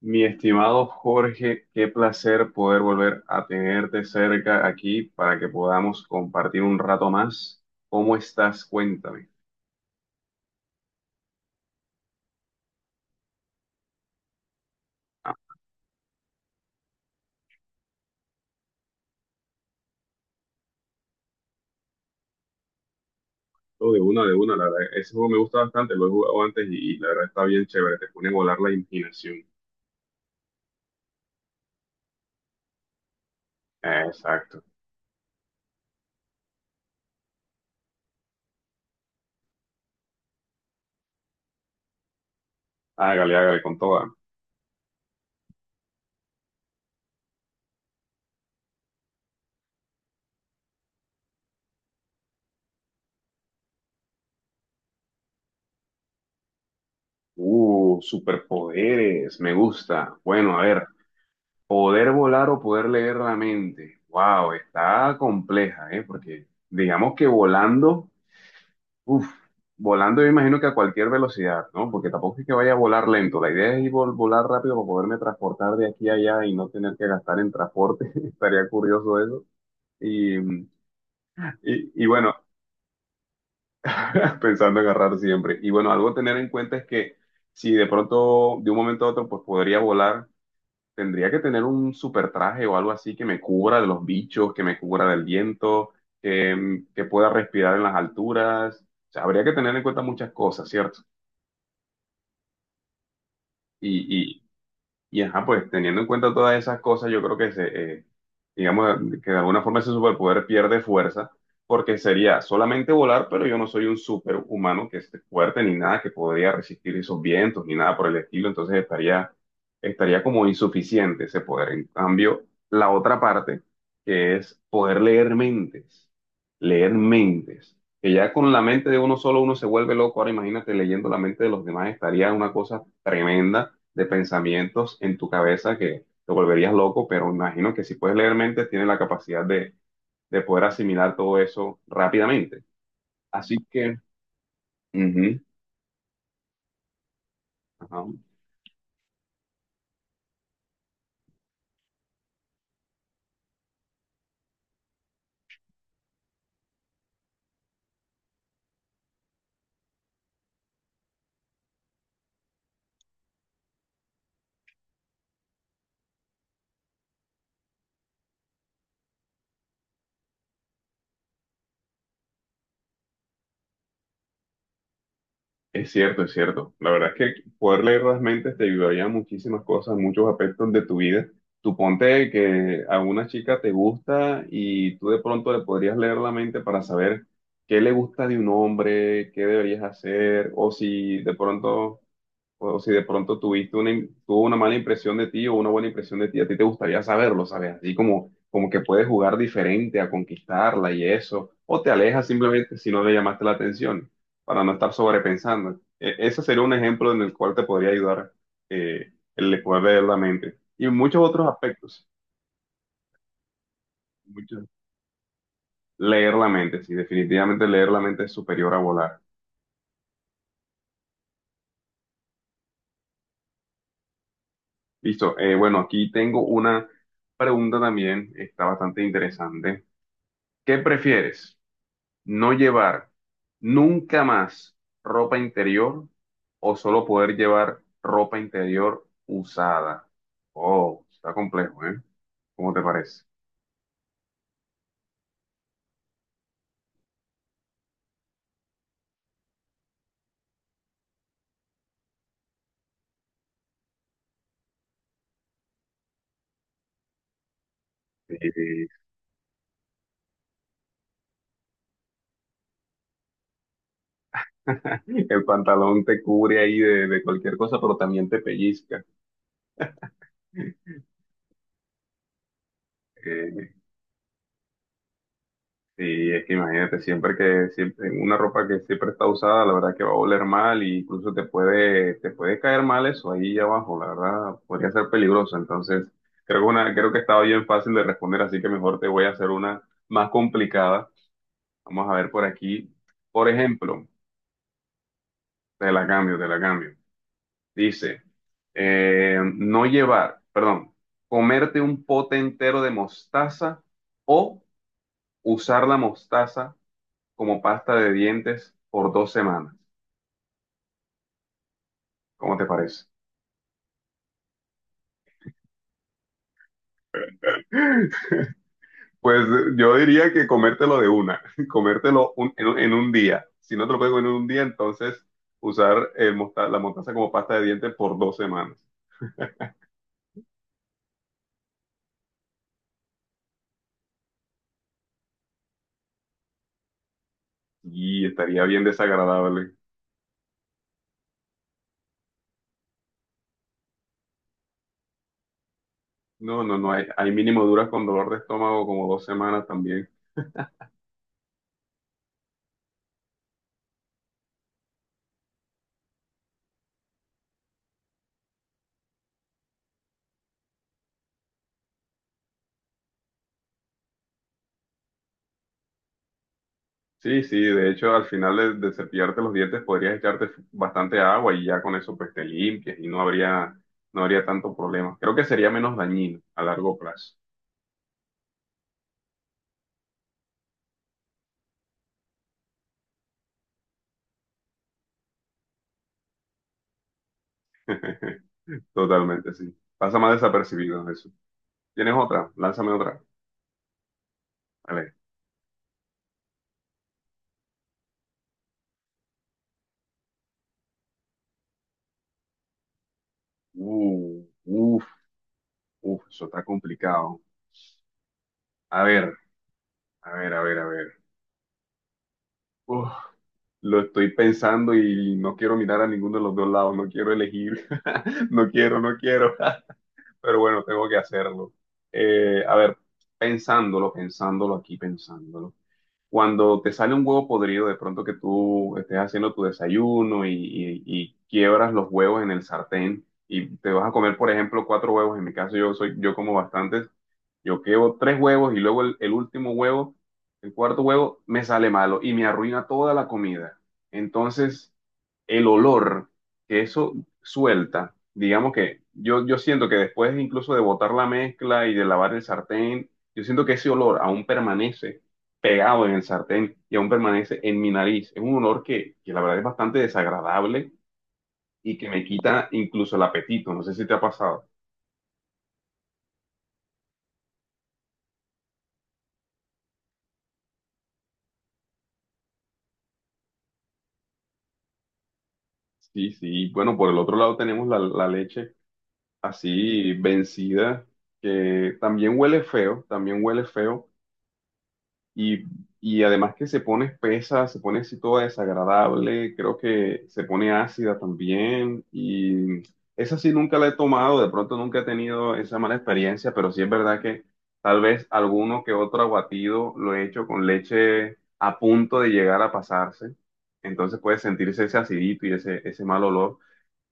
Mi estimado Jorge, qué placer poder volver a tenerte cerca aquí para que podamos compartir un rato más. ¿Cómo estás? Cuéntame. Ah, todo de una, la verdad. Ese juego me gusta bastante, lo he jugado antes y la verdad está bien chévere, te pone a volar la imaginación. Exacto. Hágale, hágale con toda. Superpoderes, me gusta. Bueno, a ver, poder volar o poder leer la mente. Wow, está compleja, ¿eh? Porque digamos que volando. Uf, volando yo imagino que a cualquier velocidad, ¿no? Porque tampoco es que vaya a volar lento. La idea es ir volar rápido para poderme transportar de aquí a allá y no tener que gastar en transporte. Estaría curioso eso. Y, y, y bueno, pensando en agarrar siempre. Y bueno, algo a tener en cuenta es que si de pronto, de un momento a otro, pues podría volar, tendría que tener un super traje o algo así que me cubra de los bichos, que me cubra del viento, que pueda respirar en las alturas. O sea, habría que tener en cuenta muchas cosas, ¿cierto? y, Y ajá, pues teniendo en cuenta todas esas cosas, yo creo eh, digamos, que de alguna forma ese superpoder pierde fuerza, porque sería solamente volar, pero yo no soy un superhumano que esté fuerte ni nada, que podría resistir esos vientos ni nada por el estilo, entonces estaría como insuficiente ese poder. En cambio, la otra parte, que es poder leer mentes, que ya con la mente de uno solo uno se vuelve loco, ahora imagínate leyendo la mente de los demás, estaría una cosa tremenda de pensamientos en tu cabeza que te volverías loco, pero imagino que si puedes leer mente, tienes la capacidad de poder asimilar todo eso rápidamente. Así que, ujú, ajá, es cierto, es cierto. La verdad es que poder leer las mentes te ayudaría en muchísimas cosas, en muchos aspectos de tu vida. Tú ponte que a una chica te gusta y tú de pronto le podrías leer la mente para saber qué le gusta de un hombre, qué deberías hacer, o si de pronto tuvo una mala impresión de ti o una buena impresión de ti, a ti te gustaría saberlo, ¿sabes? Así como que puedes jugar diferente a conquistarla y eso, o te alejas simplemente si no le llamaste la atención, para no estar sobrepensando. Ese sería un ejemplo en el cual te podría ayudar el de poder leer la mente. Y muchos otros aspectos, muchos- leer la mente, sí, definitivamente leer la mente es superior a volar. Listo, bueno, aquí tengo una pregunta también, está bastante interesante. ¿Qué prefieres? No llevar nunca más ropa interior o solo poder llevar ropa interior usada. Oh, está complejo, ¿eh? ¿Cómo te parece? Sí, sí. El pantalón te cubre ahí de cualquier cosa, pero también te pellizca. Eh, Sí, es que imagínate, siempre, una ropa que siempre está usada, la verdad que va a oler mal y incluso te puede caer mal eso ahí abajo, la verdad, podría ser peligroso. Entonces, creo que estaba bien fácil de responder, así que mejor te voy a hacer una más complicada. Vamos a ver por aquí. Por ejemplo, te la cambio, te la cambio. Dice, no llevar, perdón, comerte un pote entero de mostaza o usar la mostaza como pasta de dientes por dos semanas. ¿Cómo te parece? Pues yo diría que comértelo de una, comértelo un- en, un en un día. Si no te lo puedes comer en un día, entonces usar el la mostaza como pasta de dientes por dos semanas. Y estaría bien desagradable. No, no, no, hay mínimo duras con dolor de estómago como dos semanas también. Sí, sí, de hecho al final de cepillarte los dientes podrías echarte bastante agua y ya con eso pues te limpias y no habría tanto problema. Creo que sería menos dañino a largo plazo. Totalmente, sí. Pasa más desapercibido eso. ¿Tienes otra? Lánzame otra. Vale. Uh, uf, uf, eso está complicado. A ver, a ver, a ver, a ver. Uf, lo estoy pensando y no quiero mirar a ninguno de los dos lados, no quiero elegir, no quiero, no quiero. Pero bueno, tengo que hacerlo. A ver, pensándolo, pensándolo aquí, pensándolo. Cuando te sale un huevo podrido, de pronto que tú estés haciendo tu desayuno y quiebras los huevos en el sartén y te vas a comer, por ejemplo, cuatro huevos. En mi caso, yo como bastantes. Yo quebo tres huevos y luego el último huevo, el cuarto huevo, me sale malo y me arruina toda la comida. Entonces el olor que eso suelta, digamos yo siento que después incluso de botar la mezcla y de lavar el sartén, yo siento que ese olor aún permanece pegado en el sartén y aún permanece en mi nariz. Es un olor que la verdad es bastante desagradable y que me quita incluso el apetito. No sé si te ha pasado. Sí, sí. Bueno, por el otro lado tenemos la leche así vencida, que también huele feo, también huele feo. Y, y además que se pone espesa, se pone así toda desagradable, creo que se pone ácida también. Y esa sí nunca la he tomado, de pronto nunca he tenido esa mala experiencia, pero sí es verdad que tal vez alguno que otro aguatido lo he hecho con leche a punto de llegar a pasarse. Entonces puede sentirse ese acidito y ese mal olor,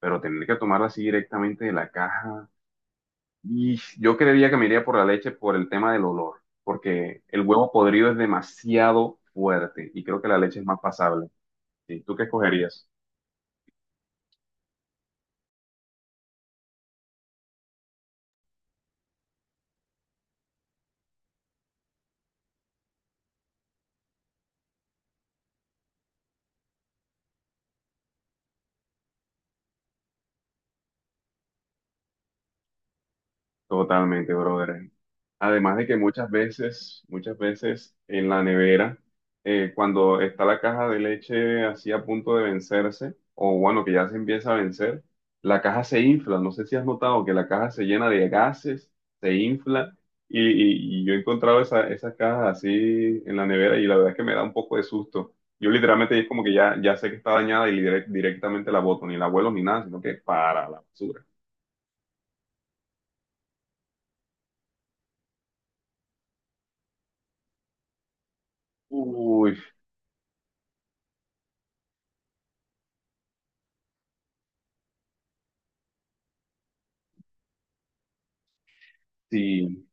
pero tener que tomarla así directamente de la caja. Y yo creería que me iría por la leche por el tema del olor, porque el huevo podrido es demasiado fuerte y creo que la leche es más pasable. ¿Sí? ¿Tú qué escogerías? Totalmente, brother. Además de que muchas veces en la nevera, cuando está la caja de leche así a punto de vencerse, o bueno, que ya se empieza a vencer, la caja se infla. No sé si has notado que la caja se llena de gases, se infla, y yo he encontrado esas cajas así en la nevera y la verdad es que me da un poco de susto. Yo literalmente es como que ya, ya sé que está dañada y directamente la boto, ni la vuelo ni nada, sino que para la basura. Uy, sí.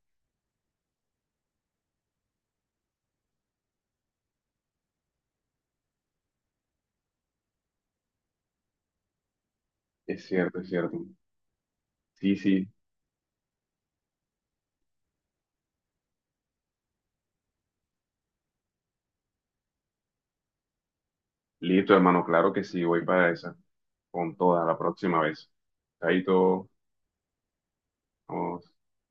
Es cierto, es cierto. Sí, sí. Listo, hermano. Claro que sí. Voy para esa. Con toda la próxima vez. Chaito. Vamos.